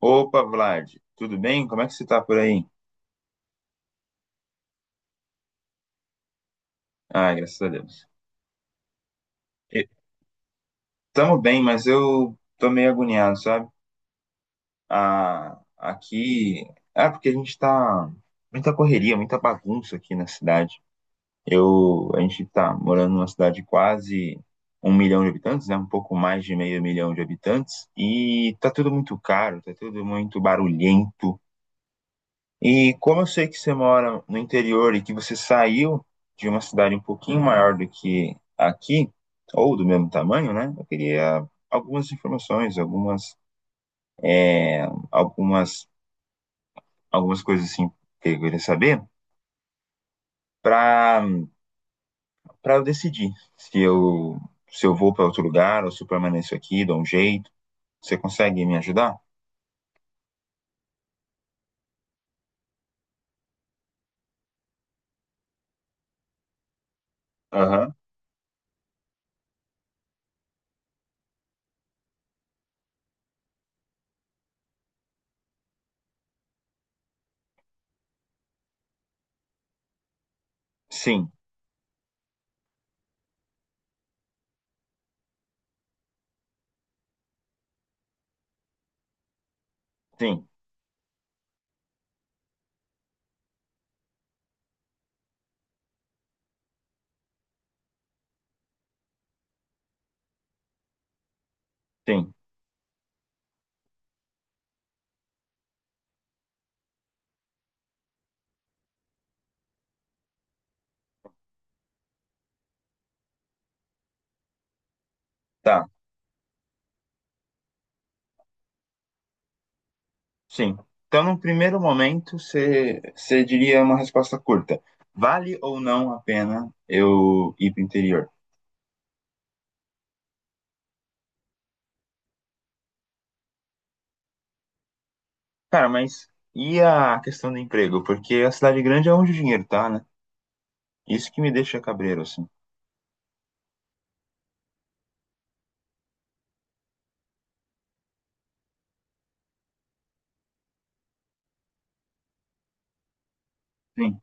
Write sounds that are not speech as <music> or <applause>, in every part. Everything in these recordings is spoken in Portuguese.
Opa, Vlad, tudo bem? Como é que você tá por aí? Ah, graças a Deus. E- Tamo bem, mas eu tô meio agoniado, sabe? Ah, aqui. É porque a gente tá. Muita correria, muita bagunça aqui na cidade. A gente tá morando numa cidade de quase 1 milhão de habitantes, né? Um pouco mais de meio milhão de habitantes. E tá tudo muito caro, tá tudo muito barulhento. E como eu sei que você mora no interior e que você saiu de uma cidade um pouquinho maior do que aqui, ou do mesmo tamanho, né? Eu queria algumas informações, algumas, algumas coisas assim que eu queria saber para para eu decidir se eu se eu vou para outro lugar ou se eu permaneço aqui, dou um jeito. Você consegue me ajudar? Aham. Sim, sim, sim. Tá. Sim. Então, no primeiro momento, você diria uma resposta curta. Vale ou não a pena eu ir para o interior? Cara, mas e a questão do emprego? Porque a cidade grande é onde o dinheiro tá, né? Isso que me deixa cabreiro, assim. Sim,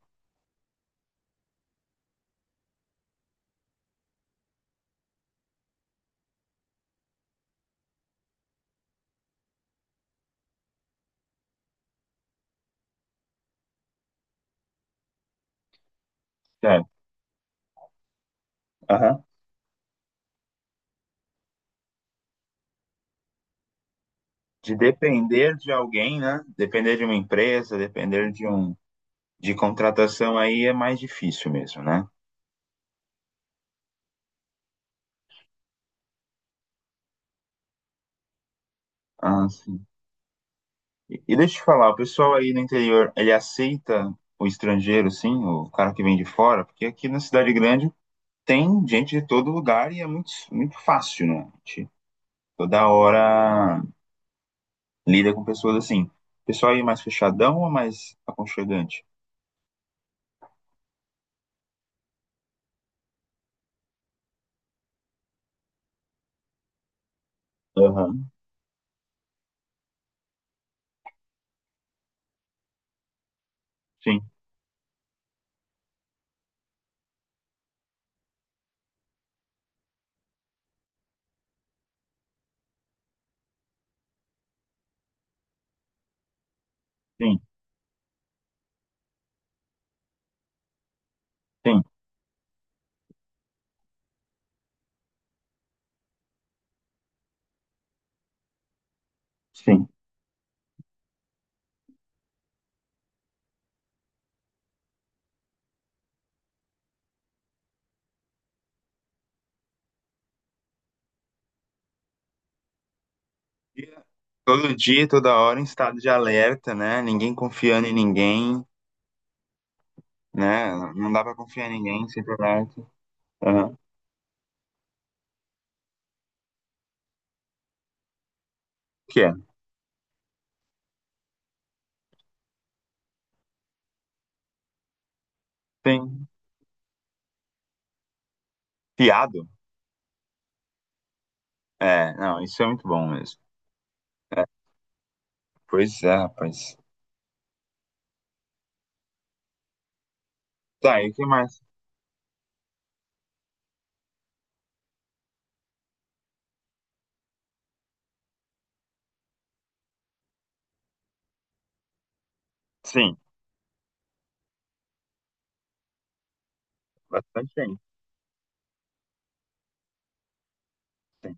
certo. Aham. De depender de alguém, né? Depender de uma empresa, depender de um de contratação aí é mais difícil mesmo, né? Ah, sim. E deixa eu te falar, o pessoal aí no interior, ele aceita o estrangeiro, sim, o cara que vem de fora? Porque aqui na cidade grande tem gente de todo lugar e é muito, muito fácil, né? A gente toda hora lida com pessoas assim. O pessoal aí mais fechadão ou mais aconchegante? Aham. Sim, sim, sim, sim. E todo dia, toda hora, em estado de alerta, né? Ninguém confiando em ninguém, né? Não dá pra confiar em ninguém, sempre alerta. Aham. O que é? Sim. Fiado? É, não, isso é muito bom mesmo. É, pois é, rapaz. Tá, e o que mais? Sim, bastante gente. Sim,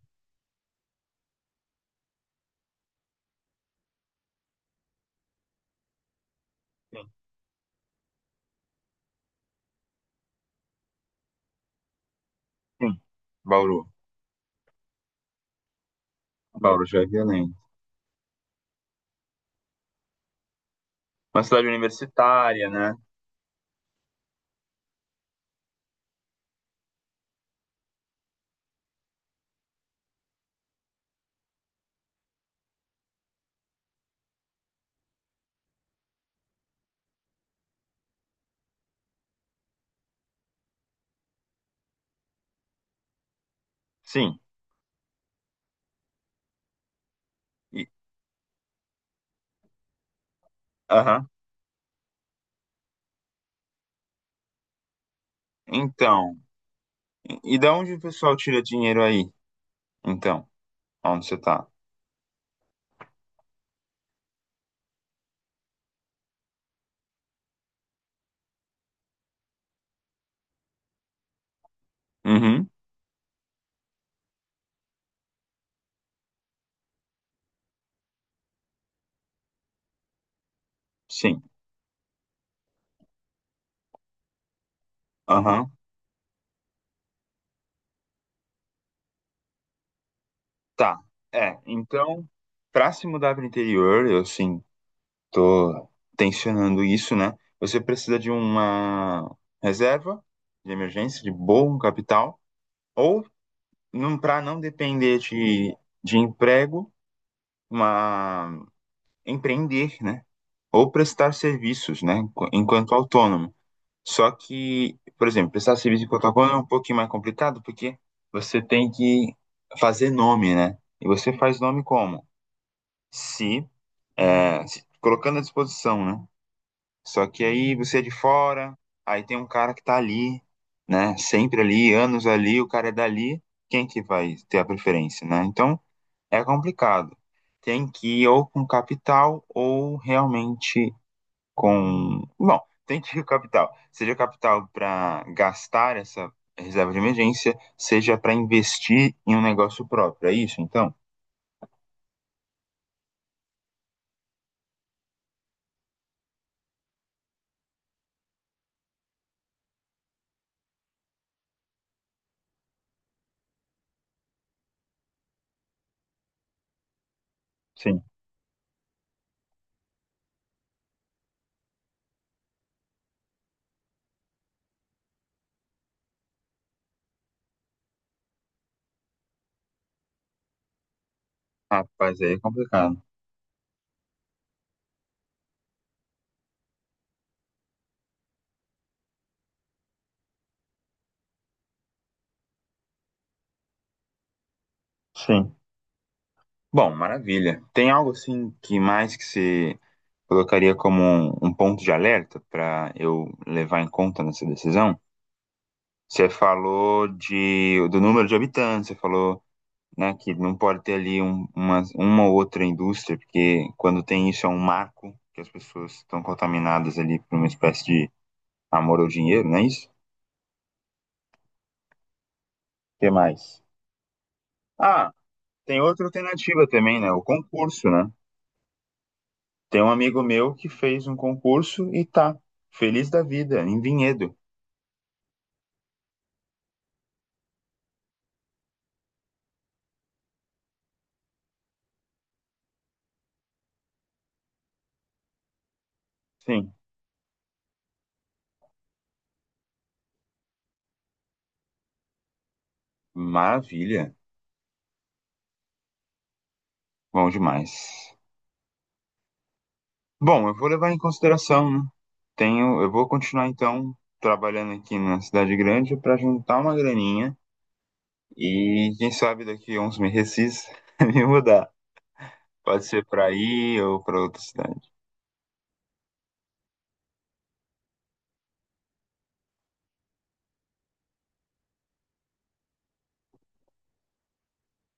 sim, sim. Bauru. Bauru já é violento. Uma cidade universitária, né? Sim. E, aham. Então, e da onde o pessoal tira dinheiro aí? Então, onde você tá? Uhum, sim. Aham. Tá. É, então, pra se mudar pro interior, eu, sim. Tô tensionando isso, né? Você precisa de uma reserva de emergência, de bom capital, ou para não depender de emprego, uma empreender, né? Ou prestar serviços, né? Enquanto autônomo. Só que, por exemplo, prestar serviço enquanto autônomo é um pouquinho mais complicado, porque você tem que fazer nome, né? E você faz nome como? Se, se colocando à disposição, né? Só que aí você é de fora, aí tem um cara que tá ali, né? Sempre ali, anos ali, o cara é dali, quem que vai ter a preferência, né? Então é complicado. Tem que ir ou com capital ou realmente com. Bom, tem que ir com capital. Seja capital para gastar essa reserva de emergência, seja para investir em um negócio próprio. É isso, então? Sim. Rapaz, aí é complicado. Sim. Bom, maravilha. Tem algo assim que mais que você colocaria como um ponto de alerta para eu levar em conta nessa decisão. Você falou do número de habitantes, você falou, né, que não pode ter ali um, uma ou outra indústria, porque quando tem isso é um marco que as pessoas estão contaminadas ali por uma espécie de amor ao dinheiro, não é isso? O que mais? Ah, tem outra alternativa também, né? O concurso, né? Tem um amigo meu que fez um concurso e tá feliz da vida, em Vinhedo. Sim, maravilha. Bom demais. Bom, eu vou levar em consideração, né? Tenho, eu, vou continuar então trabalhando aqui na cidade grande para juntar uma graninha e quem sabe daqui a uns meses <laughs> me mudar. Pode ser para aí ou para outra cidade.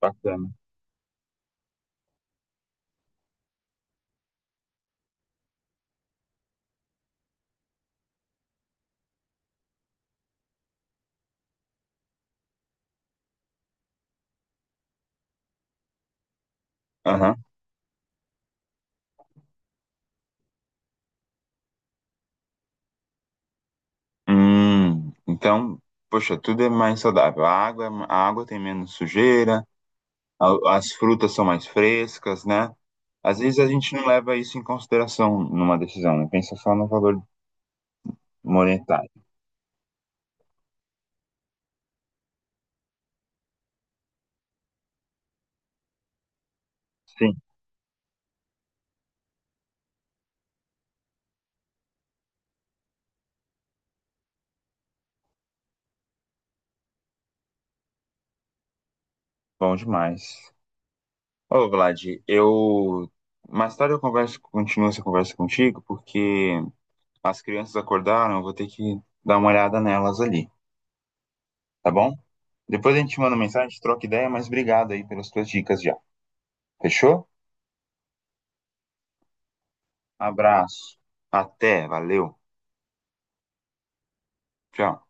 Bacana. Aham. Então, poxa, tudo é mais saudável. A água tem menos sujeira, as frutas são mais frescas, né? Às vezes a gente não leva isso em consideração numa decisão, né? Pensa só no valor monetário. Sim. Bom demais. Ô, Vlad, eu. Mais tarde eu converso, continuo essa conversa contigo, porque as crianças acordaram, eu vou ter que dar uma olhada nelas ali, tá bom? Depois a gente manda mensagem, troca ideia, mas obrigado aí pelas tuas dicas já. Fechou? Abraço. Até, valeu. Tchau.